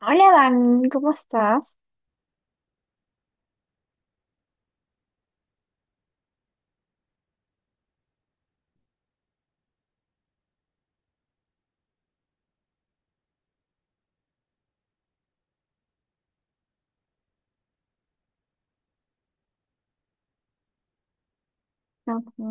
Hola Dan, ¿cómo estás? Ujú. Ujú.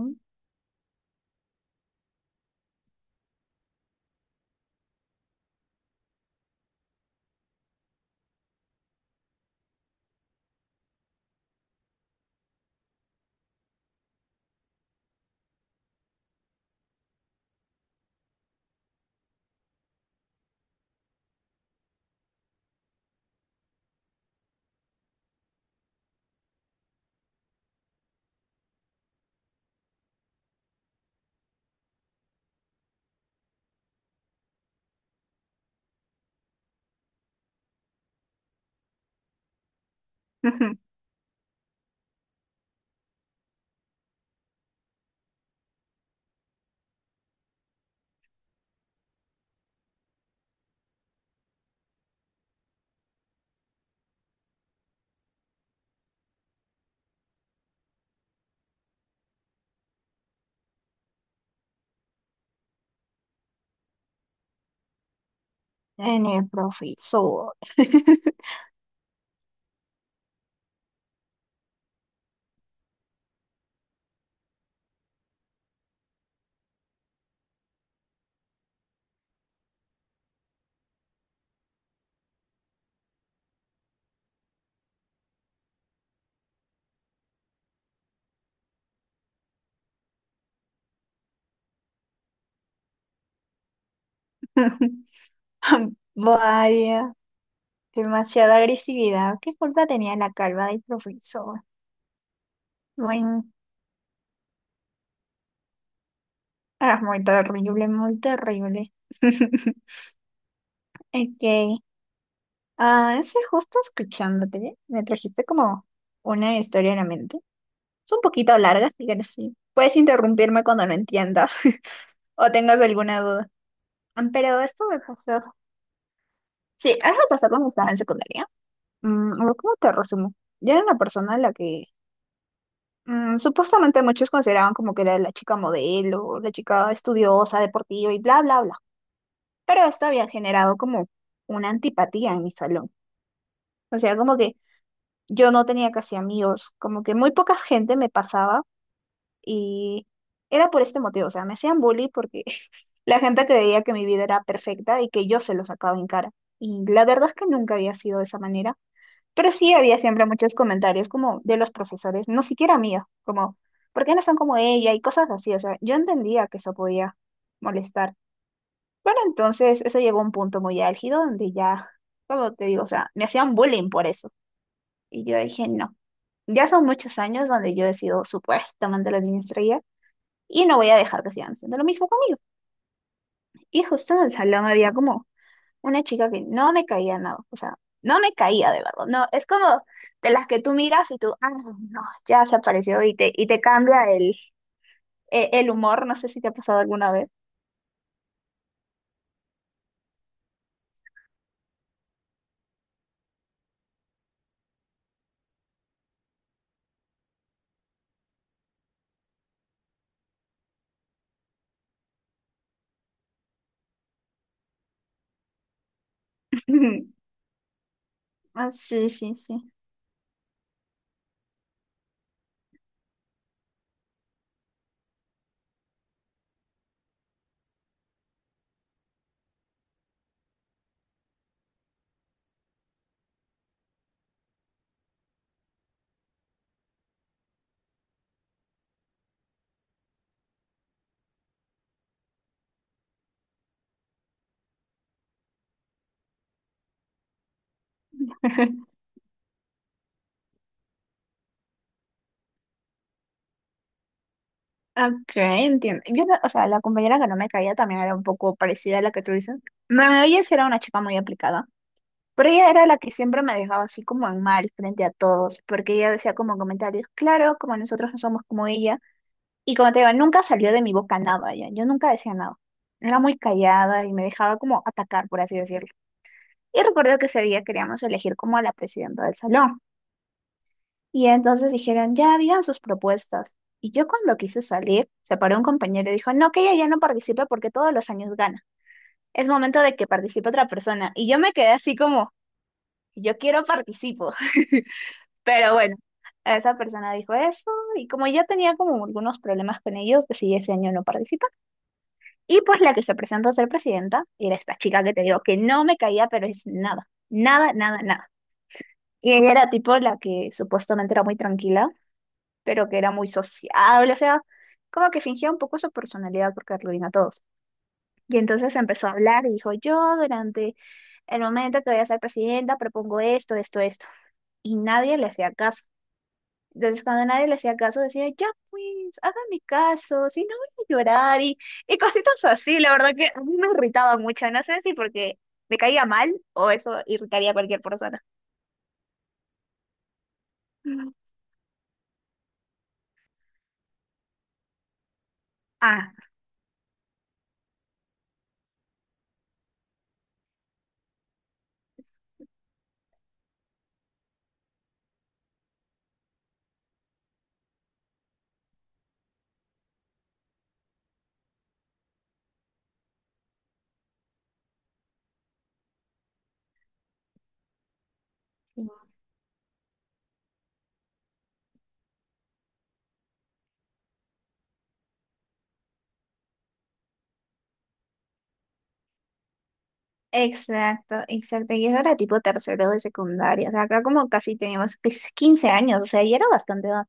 En el profesor. Vaya, demasiada agresividad. ¿Qué culpa tenía la calva del profesor? Bueno, es muy terrible, muy terrible. Ok, es que justo escuchándote, me trajiste como una historia en la mente. Es un poquito larga, así que sí. Puedes interrumpirme cuando no entiendas o tengas alguna duda. Ah, pero esto me pasó. Sí, eso pasó cuando estaba en secundaria. Mm, a ver, ¿cómo te resumo? Yo era una persona a la que supuestamente muchos consideraban como que era la chica modelo, la chica estudiosa, deportiva y bla, bla, bla. Pero esto había generado como una antipatía en mi salón. O sea, como que yo no tenía casi amigos, como que muy poca gente me pasaba y era por este motivo. O sea, me hacían bully porque la gente creía que mi vida era perfecta y que yo se lo sacaba en cara. Y la verdad es que nunca había sido de esa manera. Pero sí había siempre muchos comentarios como de los profesores, no siquiera míos, como, ¿por qué no son como ella? Y cosas así, o sea, yo entendía que eso podía molestar. Pero entonces eso llegó a un punto muy álgido donde ya, como te digo, o sea, me hacían bullying por eso. Y yo dije, no, ya son muchos años donde yo he sido supuestamente la niña estrella y no voy a dejar que sigan haciendo lo mismo conmigo. Y justo en el salón había como una chica que no me caía nada, o sea, no me caía de verdad, no, es como de las que tú miras y tú, ah, no, ya se apareció y te cambia el, el humor, no sé si te ha pasado alguna vez. Ah, sí, sí, sí. Ok, entiendo. Yo, no- o sea, la compañera que no me caía también era un poco parecida a la que tú dices. Ma- Ella sí era una chica muy aplicada, pero ella era la que siempre me dejaba así como en mal frente a todos, porque ella decía como comentarios, claro, como nosotros no somos como ella. Y como te digo, nunca salió de mi boca nada, ya. Yo nunca decía nada. Era muy callada y me dejaba como atacar, por así decirlo. Y recuerdo que ese día queríamos elegir como a la presidenta del salón. Y entonces dijeron, ya digan sus propuestas. Y yo cuando quise salir, se paró un compañero y dijo, no, que ella ya no participe porque todos los años gana. Es momento de que participe otra persona. Y yo me quedé así como, si yo quiero participo. Pero bueno, esa persona dijo eso y como ya tenía como algunos problemas con ellos, decidí ese año no participar. Y pues la que se presentó a ser presidenta era esta chica que te digo que no me caía, pero es nada, nada, nada, nada. Y ella era tipo la que supuestamente era muy tranquila, pero que era muy sociable, o sea, como que fingía un poco su personalidad porque arruina a todos. Y entonces empezó a hablar y dijo, yo durante el momento que voy a ser presidenta propongo esto, esto, esto. Y nadie le hacía caso. Entonces, cuando nadie le hacía caso, decía, ya pues, hágame caso, si no voy a llorar y cositas así. La verdad que a mí me irritaba mucho, no sé si porque me caía mal o eso irritaría a cualquier persona. Mm. Ah, sí. Exacto, exacto. Y eso era tipo tercero de secundaria. O sea, acá como casi teníamos pues, 15 años, o sea, y era bastante edad.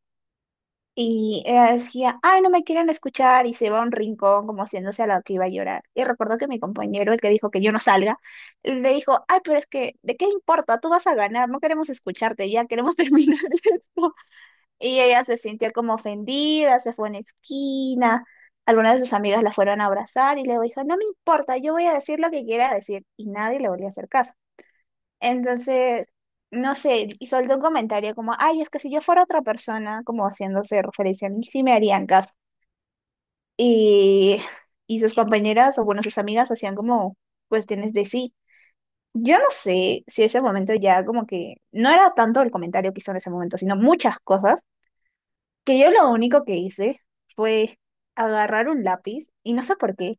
Y ella decía, ay, no me quieren escuchar, y se va a un rincón como haciéndose a la que iba a llorar. Y recuerdo que mi compañero, el que dijo que yo no salga, le dijo, ay, pero es que, ¿de qué importa? Tú vas a ganar, no queremos escucharte, ya queremos terminar esto. Y ella se sintió como ofendida, se fue a una esquina. Algunas de sus amigas la fueron a abrazar y le dijo, no me importa, yo voy a decir lo que quiera decir. Y nadie le volvió a hacer caso. Entonces, no sé, y soltó un comentario como, ay, es que si yo fuera otra persona, como haciéndose referencia a mí, sí me harían caso. Y, y sus compañeras o bueno, sus amigas hacían como cuestiones de sí. Yo no sé si ese momento ya como que no era tanto el comentario que hizo en ese momento, sino muchas cosas, que yo lo único que hice fue agarrar un lápiz y no sé por qué.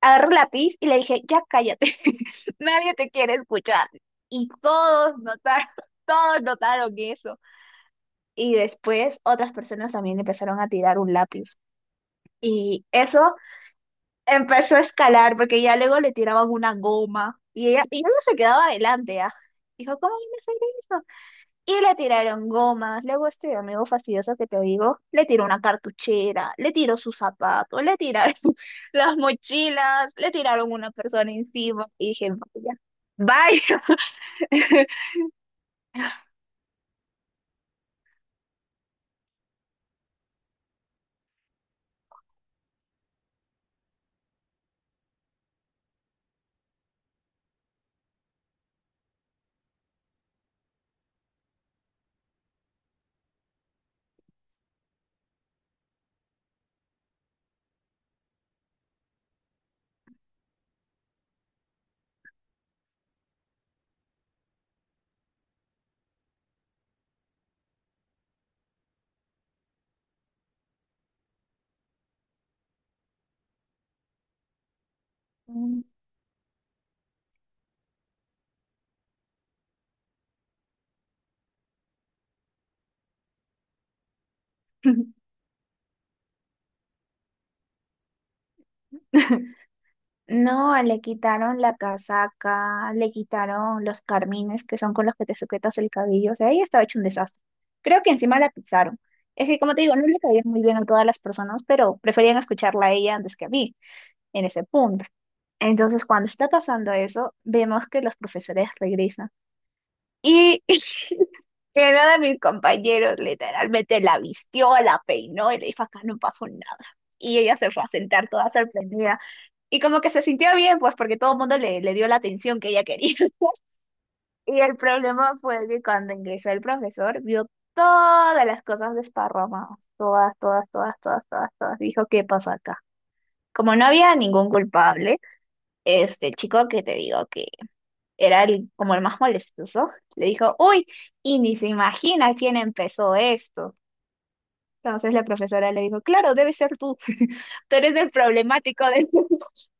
Agarró un lápiz y le dije, ya cállate, nadie te quiere escuchar. Y todos notaron, todos notaron eso. Y después otras personas también empezaron a tirar un lápiz. Y eso empezó a escalar porque ya luego le tiraban una goma y ella se quedaba adelante, ¿ah? Dijo, ¿cómo viene a hacer eso? Y le tiraron gomas, luego este amigo fastidioso que te digo, le tiró una cartuchera, le tiró sus zapatos, le tiraron las mochilas, le tiraron una persona encima y dije, vaya, vaya. No, le quitaron la casaca, le quitaron los carmines que son con los que te sujetas el cabello, o sea, ella estaba hecho un desastre. Creo que encima la pisaron. Es que, como te digo, no le caían muy bien a todas las personas, pero preferían escucharla a ella antes que a mí en ese punto. Entonces, cuando está pasando eso, vemos que los profesores regresan. Y que uno de mis compañeros literalmente la vistió, la peinó y le dijo, acá no pasó nada. Y ella se fue a sentar toda sorprendida. Y como que se sintió bien, pues porque todo el mundo le dio la atención que ella quería. Y el problema fue que cuando ingresó el profesor, vio todas las cosas desparramadas. Todas, todas, todas, todas, todas, todas. Dijo, ¿qué pasó acá? Como no había ningún culpable, este el chico que te digo era el, como el más molestoso, le dijo, uy, y ni se imagina quién empezó esto. Entonces la profesora le dijo, claro, debe ser tú, tú eres el problemático del, tú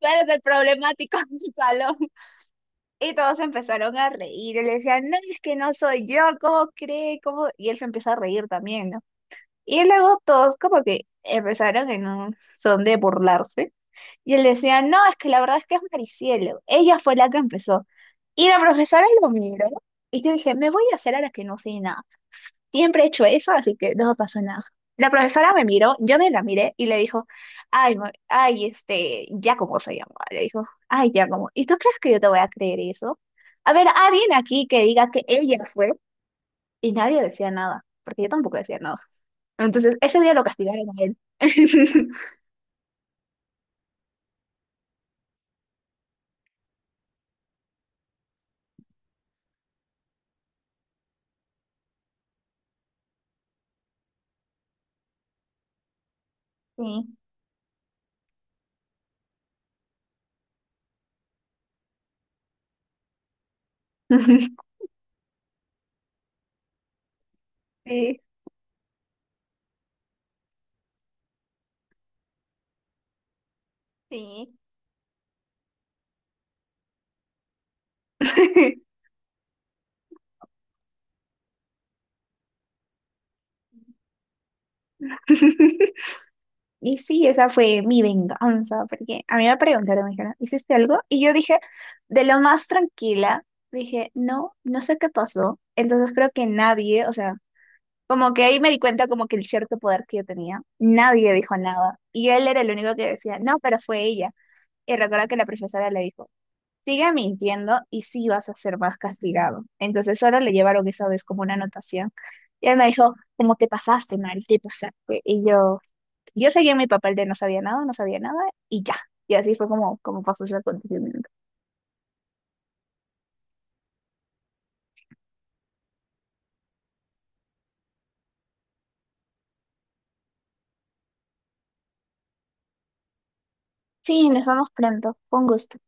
eres el problemático del salón. Y todos empezaron a reír, y le decían, no, es que no soy yo, ¿cómo cree? ¿Cómo? Y él se empezó a reír también, ¿no? Y luego todos como que empezaron en un son de burlarse y él decía, no, es que la verdad es que es Maricielo. Ella fue la que empezó. Y la profesora lo miró. Y yo dije, me voy a hacer a la que no sé nada. Siempre he hecho eso, así que no pasó nada. La profesora me miró, yo me la miré y le dijo, ay, ma- ay, este, ya como se llamaba. Le dijo, ay, ya como. ¿Y tú crees que yo te voy a creer eso? A ver, alguien aquí que diga que ella fue. Y nadie decía nada, porque yo tampoco decía nada. Entonces, ese día lo castigaron a él. Sí. Sí. Sí. Y sí, esa fue mi venganza, porque a mí me preguntaron, me dijeron, ¿hiciste algo? Y yo dije, de lo más tranquila, dije, no, no sé qué pasó. Entonces creo que nadie, o sea, como que ahí me di cuenta como que el cierto poder que yo tenía, nadie dijo nada. Y él era el único que decía, no, pero fue ella. Y recuerdo que la profesora le dijo, sigue mintiendo y sí vas a ser más castigado. Entonces solo le llevaron esa vez como una anotación. Y él me dijo, ¿cómo te pasaste, Mari? Te pasaste. Y yo... Yo seguía en mi papel de no sabía nada, no sabía nada y ya. Y así fue como, como pasó ese acontecimiento. Sí, nos vemos pronto. Con gusto.